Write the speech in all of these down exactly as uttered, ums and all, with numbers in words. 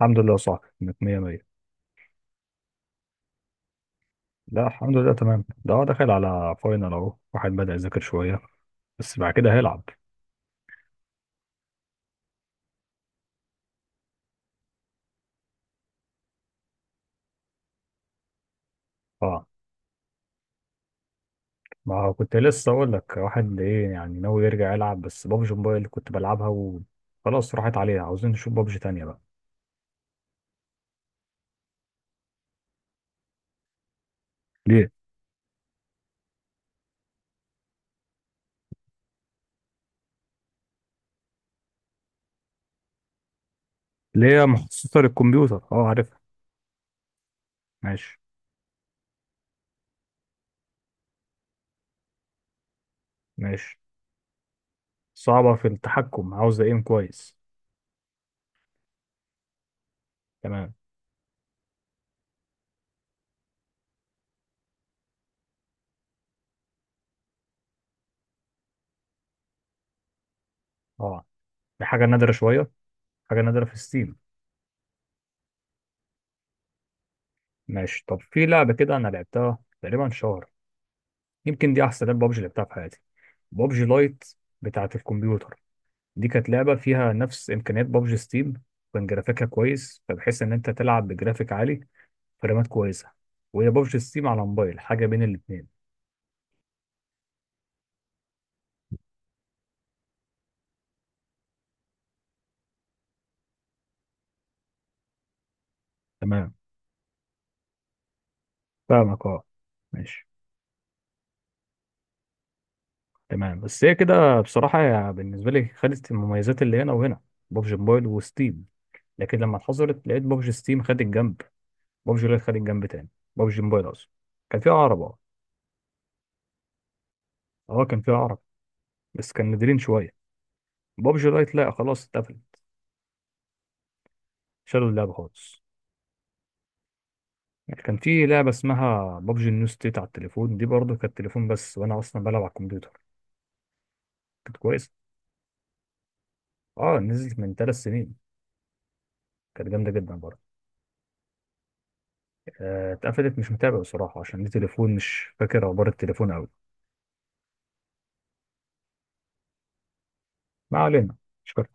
الحمد لله، صح كانت مية مية. لا الحمد لله تمام. ده هو داخل على فاينل اهو، واحد بدأ يذاكر شوية بس بعد كده هيلعب. طبعا. ما هو كنت لسه اقول لك، واحد ايه يعني ناوي يرجع يلعب، بس بابجي موبايل كنت بلعبها وخلاص راحت عليها، عاوزين نشوف بابجي تانية بقى. ليه؟ ليه، يا مخصصة للكمبيوتر؟ اه عارفها. ماشي. ماشي. صعبة في التحكم، عاوزة ايم كويس. تمام. اه. دي حاجة نادرة شوية، حاجة نادرة في ستيم. ماشي، طب في لعبة كده انا لعبتها تقريبا شهر، يمكن دي احسن لعبة بابجي لعبتها في حياتي، بابجي لايت، بتاعة الكمبيوتر. دي كانت لعبة فيها نفس إمكانيات بابجي ستيم. كان جرافيكها كويس، فبحيث إن أنت تلعب بجرافيك عالي، فرامات كويسة. وهي بابجي ستيم على موبايل حاجة بين الاتنين. تمام، فاهمك أه. ماشي، تمام. بس هي كده بصراحة، يا- بالنسبة لي خدت المميزات اللي هنا وهنا، بابجي موبايل وستيم، لكن لما اتحصلت لقيت بابجي ستيم خد الجنب، بابجي لايت خد الجنب تاني. بابجي موبايل أصلا كان فيها عرب أه. أه كان فيها عرب، بس كان نادرين شوية. بابجي لايت لا خلاص اتقفل، شالوا اللعبة خالص. يعني كان في لعبة اسمها بابجي نيو ستيت على التليفون، دي برضه كانت تليفون بس وأنا أصلا بلعب على الكمبيوتر. كانت كويسة، اه نزلت من ثلاث سنين، كانت جامدة جدا برضه. آه، اتقفلت، مش متابع بصراحة عشان دي تليفون مش فاكر أخبار التليفون أوي. ما علينا، مش فاكر.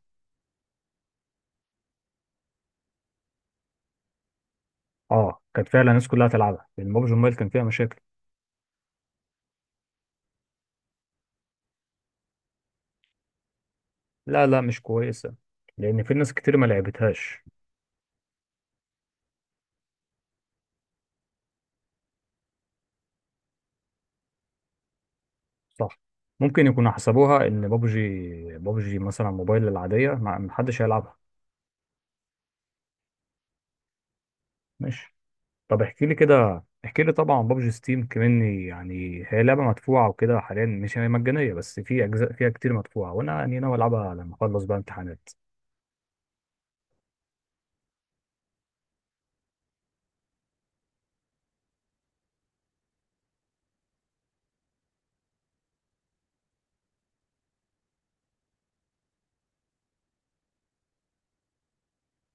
اه كانت فعلا الناس كلها تلعبها، لأن بابجي موبايل كان فيها مشاكل. لا لا، مش كويسة، لأن في ناس كتير ما لعبتهاش. صح، ممكن يكونوا حسبوها إن بابجي، بابجي مثلا موبايل العادية ما ما حدش هيلعبها. ماشي، طب احكي لي كده، احكي لي طبعا بابجي ستيم كمان، يعني هي لعبه مدفوعه وكده، حاليا مش هي مجانيه بس في اجزاء فيها كتير مدفوعه، وانا يعني ناوي العبها لما اخلص بقى امتحانات.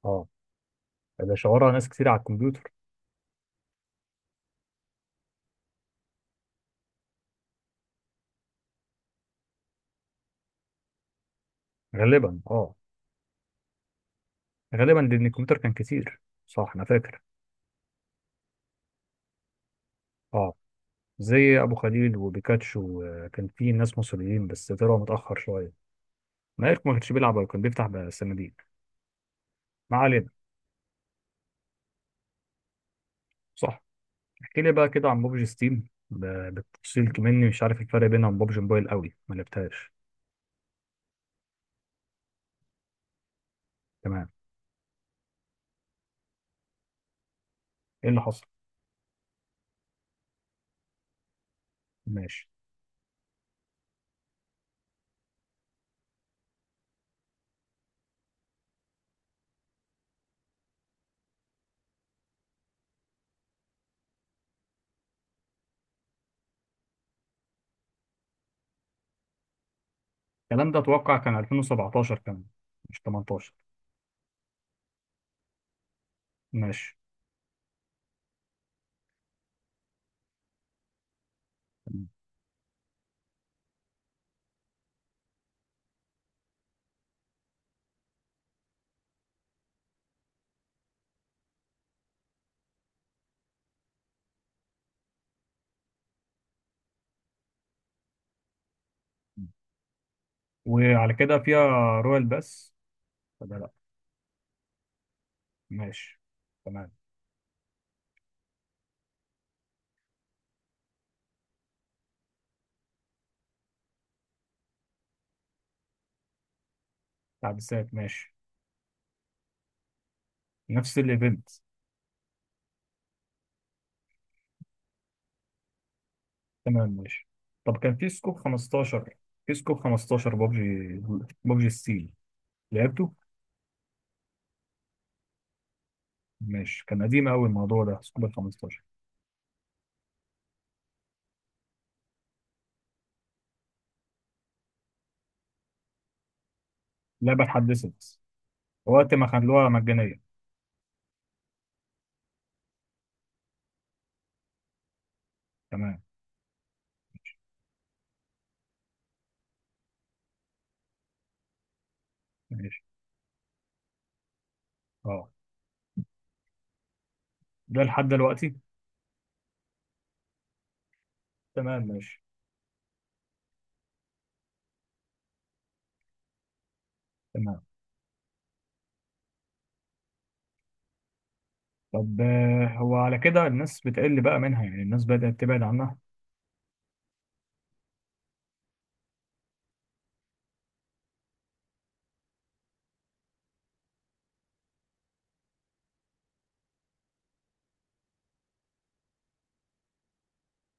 اه. ده شغلها ناس كتير على الكمبيوتر. غالبا اه. غالبا لان الكمبيوتر كان كتير. صح انا فاكر. اه زي ابو خليل وبيكاتشو، وكان في ناس مصريين بس طلعوا متاخر شويه. مالك ما كانش بيلعب أو كان بيفتح بقى الصناديق. ما علينا، صح. احكي لي بقى كده عن بوبجي ستيم ب- بالتفصيل كمني، مش عارف الفرق بينها وبين بوبجي موبايل قوي، ما لعبتهاش. تمام. ايه اللي حصل؟ ماشي. الكلام ده اتوقع كان ألفين وسبعتاشر كمان، مش تمنطعش. ماشي. مم. وعلى كده فيها رويال بس ولا لا؟ ماشي، تمام. تحديثات، ماشي. نفس الايفنت. تمام ماشي، طب كان في سكوب خمستاشر، في سكوب خمستاشر ببجي، ببجي ستيل. لعبته. ماشي، كان قديم قوي الموضوع ده سكوب ال خمستاشر. لعبه اتحدثت وقت ما خلوها مجانية. تمام. ماشي. اه. ده لحد دلوقتي. تمام ماشي. تمام، طب آه، هو على كده الناس بتقل بقى منها، يعني الناس بدأت تبعد عنها.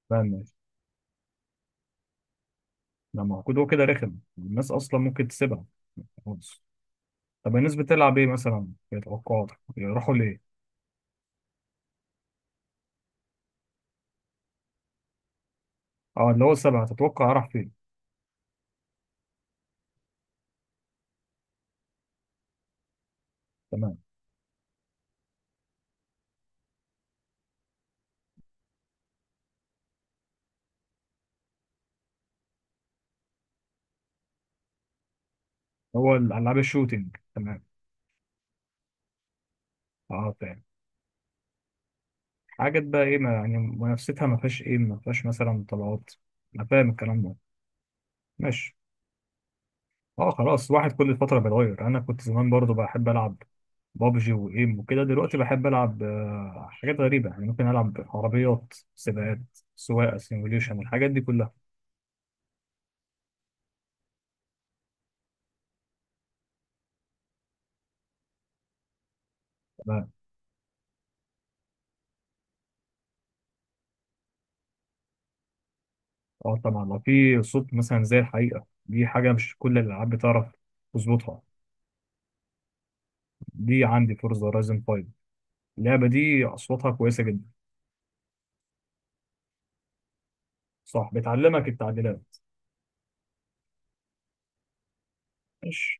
تمام ماشي. لما موجود هو كده رخم الناس أصلا ممكن تسيبها. خالص. طب الناس بتلعب إيه مثلا في توقعاتك، يروحوا ليه؟ اه اللي هو السبعة تتوقع راح فين. تمام. هو الألعاب الشوتينج. تمام. اه فاهم. حاجات بقى إيه ما يعني منافستها، ما فيهاش إيه ما فيهاش مثلا طلعات. أنا فاهم الكلام ده. ماشي. اه خلاص، واحد كل فترة بيتغير. انا كنت زمان برضو بحب العب بابجي وايم وكده، دلوقتي بحب العب آه، حاجات غريبة، يعني ممكن العب عربيات سباقات، سواقة سيموليشن، الحاجات دي كلها. تمام. اه طبعا، لو في صوت مثلا زي الحقيقة، دي حاجة مش كل الالعاب بتعرف تظبطها. دي عندي فورزا رايزن خمسة. اللعبة دي اصواتها كويسة جدا. صح بتعلمك التعديلات. ماشي.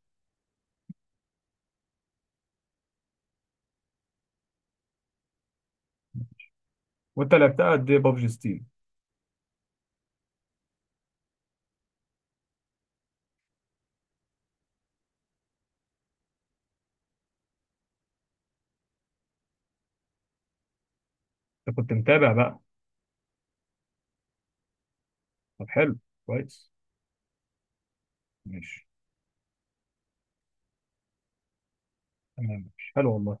وانت لعبتها قد ايه بابجي ستيم؟ انت كنت متابع بقى؟ طب حلو. كويس. ماشي تمام. ماشي، حلو والله.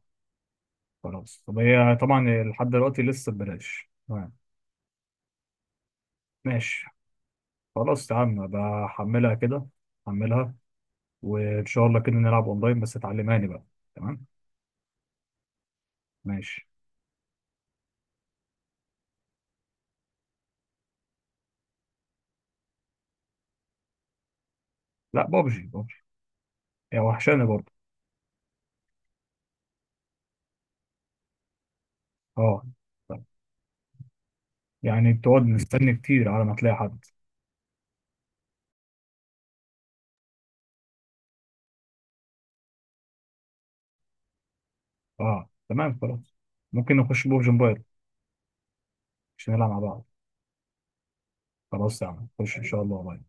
خلاص، طب هي طبعا لحد دلوقتي لسه ببلاش؟ تمام ماشي. خلاص يا عم بحملها كده، حملها، وان شاء الله كده نلعب اونلاين بس تعلمهاني بقى. تمام ماشي. لا بابجي، بابجي هي وحشاني برضه. اه. طب، يعني بتقعد مستني كتير على ما تلاقي حد؟ اه تمام خلاص. ممكن نخش بابجي موبايل عشان نلعب مع بعض. خلاص يا عم نخش ان شاء الله.